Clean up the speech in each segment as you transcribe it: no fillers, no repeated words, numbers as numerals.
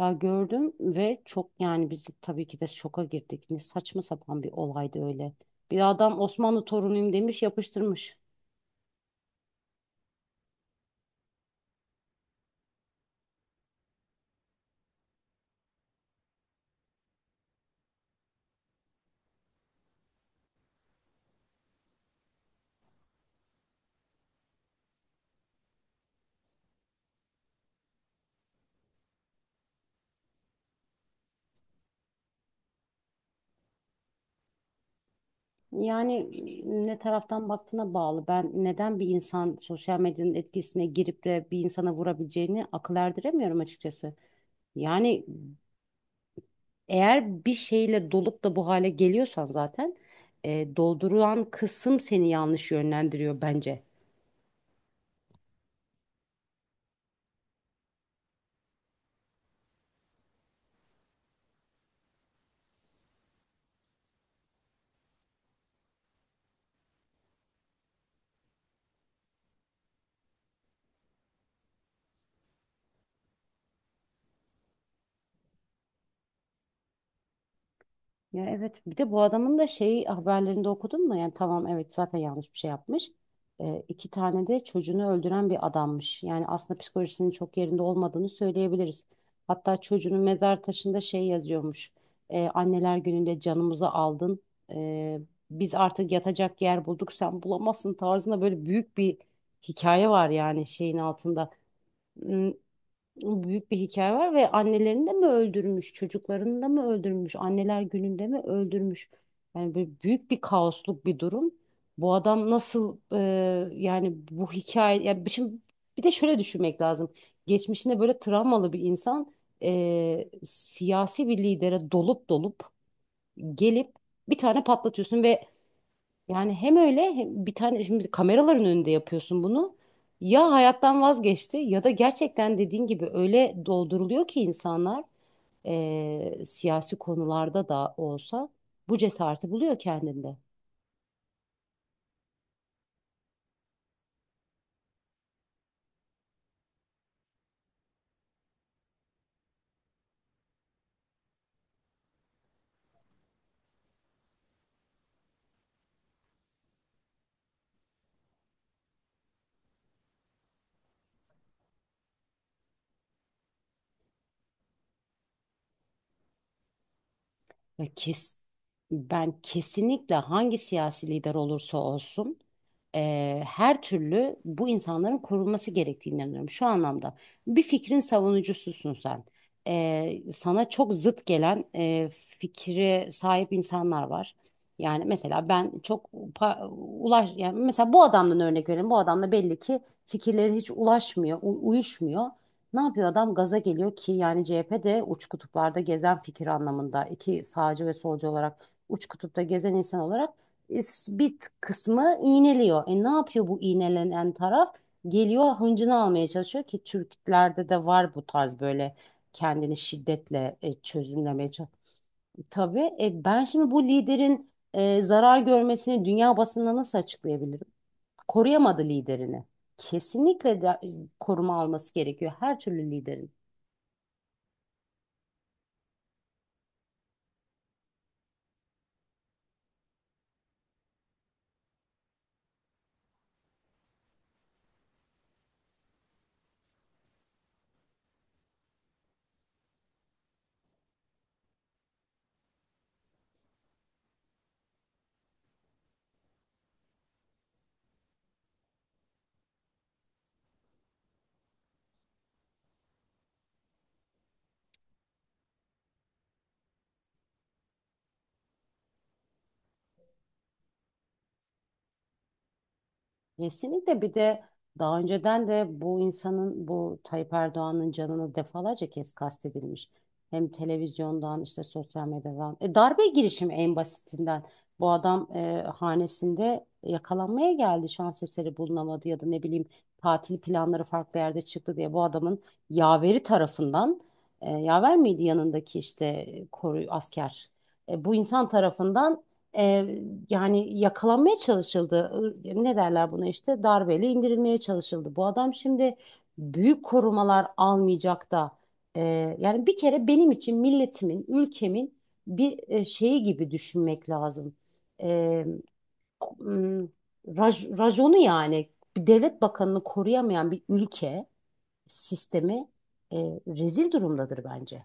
Ya gördüm ve çok yani biz de tabii ki de şoka girdik. Ne saçma sapan bir olaydı öyle. Bir adam Osmanlı torunuyum demiş yapıştırmış. Yani ne taraftan baktığına bağlı. Ben neden bir insan sosyal medyanın etkisine girip de bir insana vurabileceğini akıl erdiremiyorum açıkçası. Yani eğer bir şeyle dolup da bu hale geliyorsan zaten doldurulan kısım seni yanlış yönlendiriyor bence. Ya evet bir de bu adamın da şey haberlerinde okudun mu? Yani tamam evet zaten yanlış bir şey yapmış. İki tane de çocuğunu öldüren bir adammış. Yani aslında psikolojisinin çok yerinde olmadığını söyleyebiliriz. Hatta çocuğunun mezar taşında şey yazıyormuş. Anneler gününde canımızı aldın. Ee, Biz artık yatacak yer bulduk sen bulamazsın tarzında böyle büyük bir hikaye var yani şeyin altında. Hmm, Büyük bir hikaye var ve annelerini de mi öldürmüş, çocuklarını da mı öldürmüş, anneler gününde mi öldürmüş? Yani böyle büyük bir kaosluk bir durum. Bu adam nasıl yani bu hikaye şimdi bir de şöyle düşünmek lazım. Geçmişinde böyle travmalı bir insan siyasi bir lidere dolup gelip bir tane patlatıyorsun ve yani hem öyle hem bir tane şimdi kameraların önünde yapıyorsun bunu. Ya hayattan vazgeçti ya da gerçekten dediğin gibi öyle dolduruluyor ki insanlar siyasi konularda da olsa bu cesareti buluyor kendinde. Ve kes, Ben kesinlikle hangi siyasi lider olursa olsun her türlü bu insanların korunması gerektiğine inanıyorum. Şu anlamda bir fikrin savunucususun sen. Sana çok zıt gelen fikre sahip insanlar var. Yani mesela ben çok ulaş yani mesela bu adamdan örnek verelim. Bu adamla belli ki fikirleri hiç ulaşmıyor, uyuşmuyor. Ne yapıyor adam? Gaza geliyor ki yani CHP de uç kutuplarda gezen fikir anlamında iki sağcı ve solcu olarak uç kutupta gezen insan olarak bit kısmı iğneliyor. E ne yapıyor bu iğnelenen taraf? Geliyor hıncını almaya çalışıyor ki Türklerde de var bu tarz böyle kendini şiddetle çözümlemeye çalışıyor. Tabii ben şimdi bu liderin zarar görmesini dünya basınına nasıl açıklayabilirim? Koruyamadı liderini. Kesinlikle de, koruma alması gerekiyor her türlü liderin. Kesinlikle bir de daha önceden de bu insanın bu Tayyip Erdoğan'ın canını defalarca kez kastedilmiş. Hem televizyondan işte sosyal medyadan. Darbe girişimi en basitinden. Bu adam hanesinde yakalanmaya geldi. Şans eseri bulunamadı ya da ne bileyim tatil planları farklı yerde çıktı diye bu adamın yaveri tarafından yaver miydi yanındaki işte koru asker. Bu insan tarafından e, yani yakalanmaya çalışıldı. Ne derler buna işte darbeyle indirilmeye çalışıldı. Bu adam şimdi büyük korumalar almayacak da e, yani bir kere benim için milletimin, ülkemin bir şeyi gibi düşünmek lazım. E, k- m, Rajonu yani bir devlet bakanını koruyamayan bir ülke sistemi e, rezil durumdadır bence.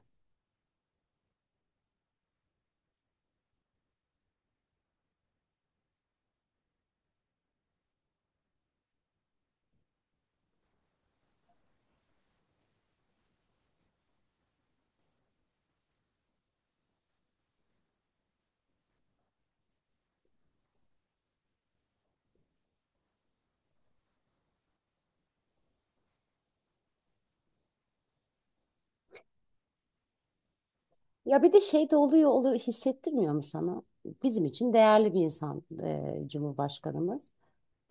Ya bir de şey de oluyor hissettirmiyor mu sana? Bizim için değerli bir insan Cumhurbaşkanımız.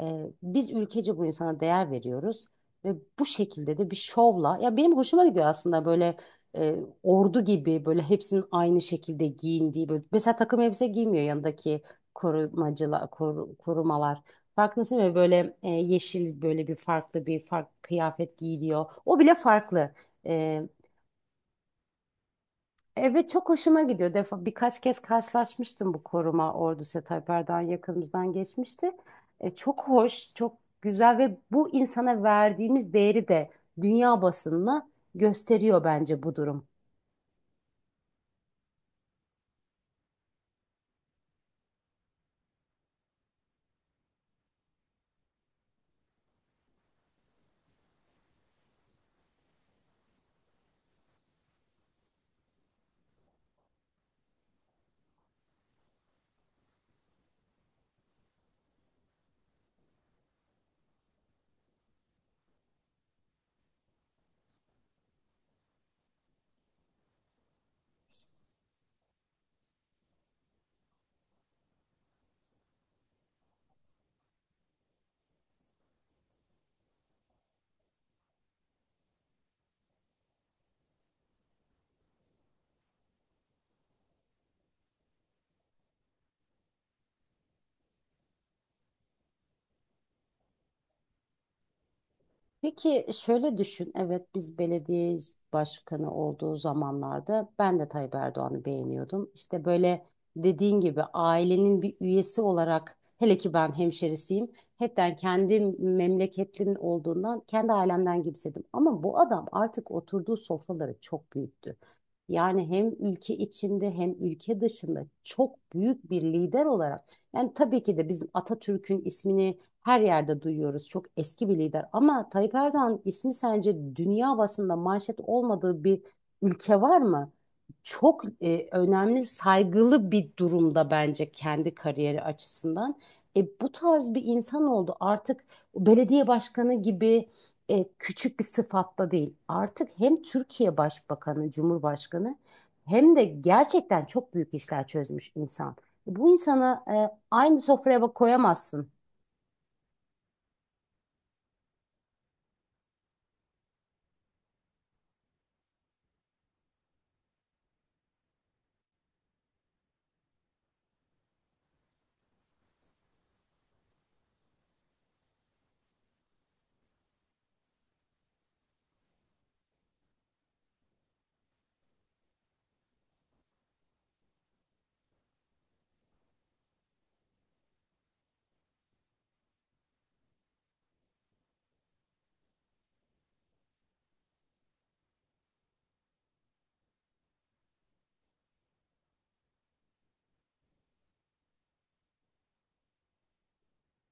E, Biz ülkece bu insana değer veriyoruz ve bu şekilde de bir şovla. Ya benim hoşuma gidiyor aslında böyle e, ordu gibi böyle hepsinin aynı şekilde giyindiği böyle. Mesela takım elbise giymiyor yanındaki korumacılar, korumalar. Farkındasın ve böyle yeşil böyle bir farklı bir farklı kıyafet giyiliyor. O bile farklı. Evet çok hoşuma gidiyor. Defa birkaç kez karşılaşmıştım bu koruma ordusu Tayyip Erdoğan yakınımızdan geçmişti. Çok hoş, çok güzel ve bu insana verdiğimiz değeri de dünya basınına gösteriyor bence bu durum. Peki şöyle düşün, evet biz belediye başkanı olduğu zamanlarda ben de Tayyip Erdoğan'ı beğeniyordum. İşte böyle dediğin gibi ailenin bir üyesi olarak hele ki ben hemşerisiyim. Hepten kendi memleketlimin olduğundan kendi ailemden gibiydim. Ama bu adam artık oturduğu sofraları çok büyüttü. Yani hem ülke içinde hem ülke dışında çok büyük bir lider olarak yani tabii ki de bizim Atatürk'ün ismini her yerde duyuyoruz. Çok eski bir lider ama Tayyip Erdoğan ismi sence dünya basında manşet olmadığı bir ülke var mı? Çok önemli, saygılı bir durumda bence kendi kariyeri açısından. Bu tarz bir insan oldu. Artık belediye başkanı gibi küçük bir sıfatla değil. Artık hem Türkiye Başbakanı, Cumhurbaşkanı hem de gerçekten çok büyük işler çözmüş insan. Bu insana aynı sofraya koyamazsın.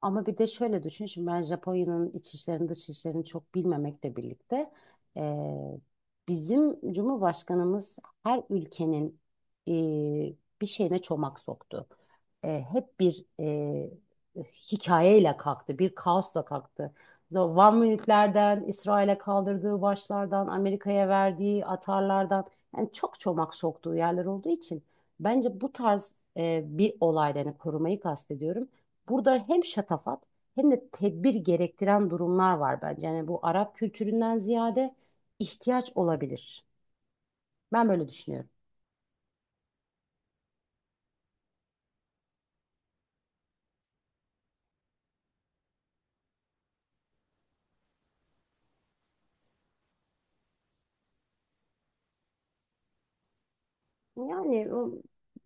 Ama bir de şöyle düşün şimdi ben Japonya'nın iç işlerini dış işlerini çok bilmemekle birlikte eee, bizim Cumhurbaşkanımız her ülkenin eee, bir şeyine çomak soktu. Hep bir hikayeyle kalktı, bir kaosla kalktı. So, Van Münihlerden, İsrail'e kaldırdığı başlardan, Amerika'ya verdiği atarlardan yani çok çomak soktuğu yerler olduğu için bence bu tarz bir olaydan yani korumayı kastediyorum. Burada hem şatafat hem de tedbir gerektiren durumlar var bence. Yani bu Arap kültüründen ziyade ihtiyaç olabilir. Ben böyle düşünüyorum. Yani o-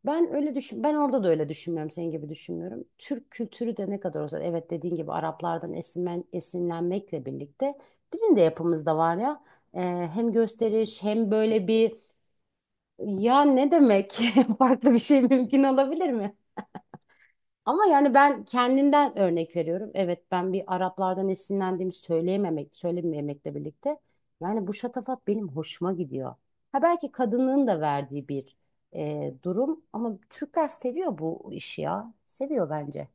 Ben öyle düşün, ben orada da öyle düşünmüyorum, senin gibi düşünmüyorum. Türk kültürü de ne kadar olsa, evet dediğin gibi Araplardan esinlenmekle birlikte bizim de yapımızda var ya. Ee, Hem gösteriş hem böyle bir ya ne demek farklı bir şey mümkün olabilir mi? Ama yani ben kendimden örnek veriyorum. Evet ben bir Araplardan esinlendiğimi söylememekle birlikte. Yani bu şatafat benim hoşuma gidiyor. Ha belki kadının da verdiği bir durum ama Türkler seviyor bu işi ya. Seviyor bence.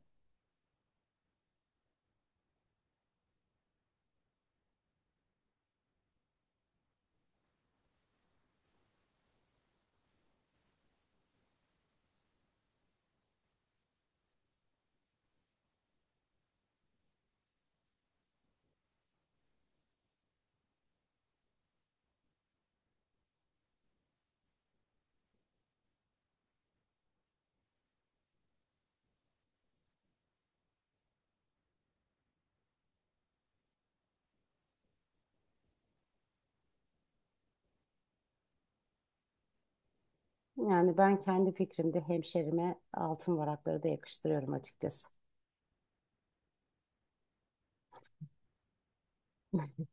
Yani ben kendi fikrimde hemşerime altın varakları da yakıştırıyorum açıkçası.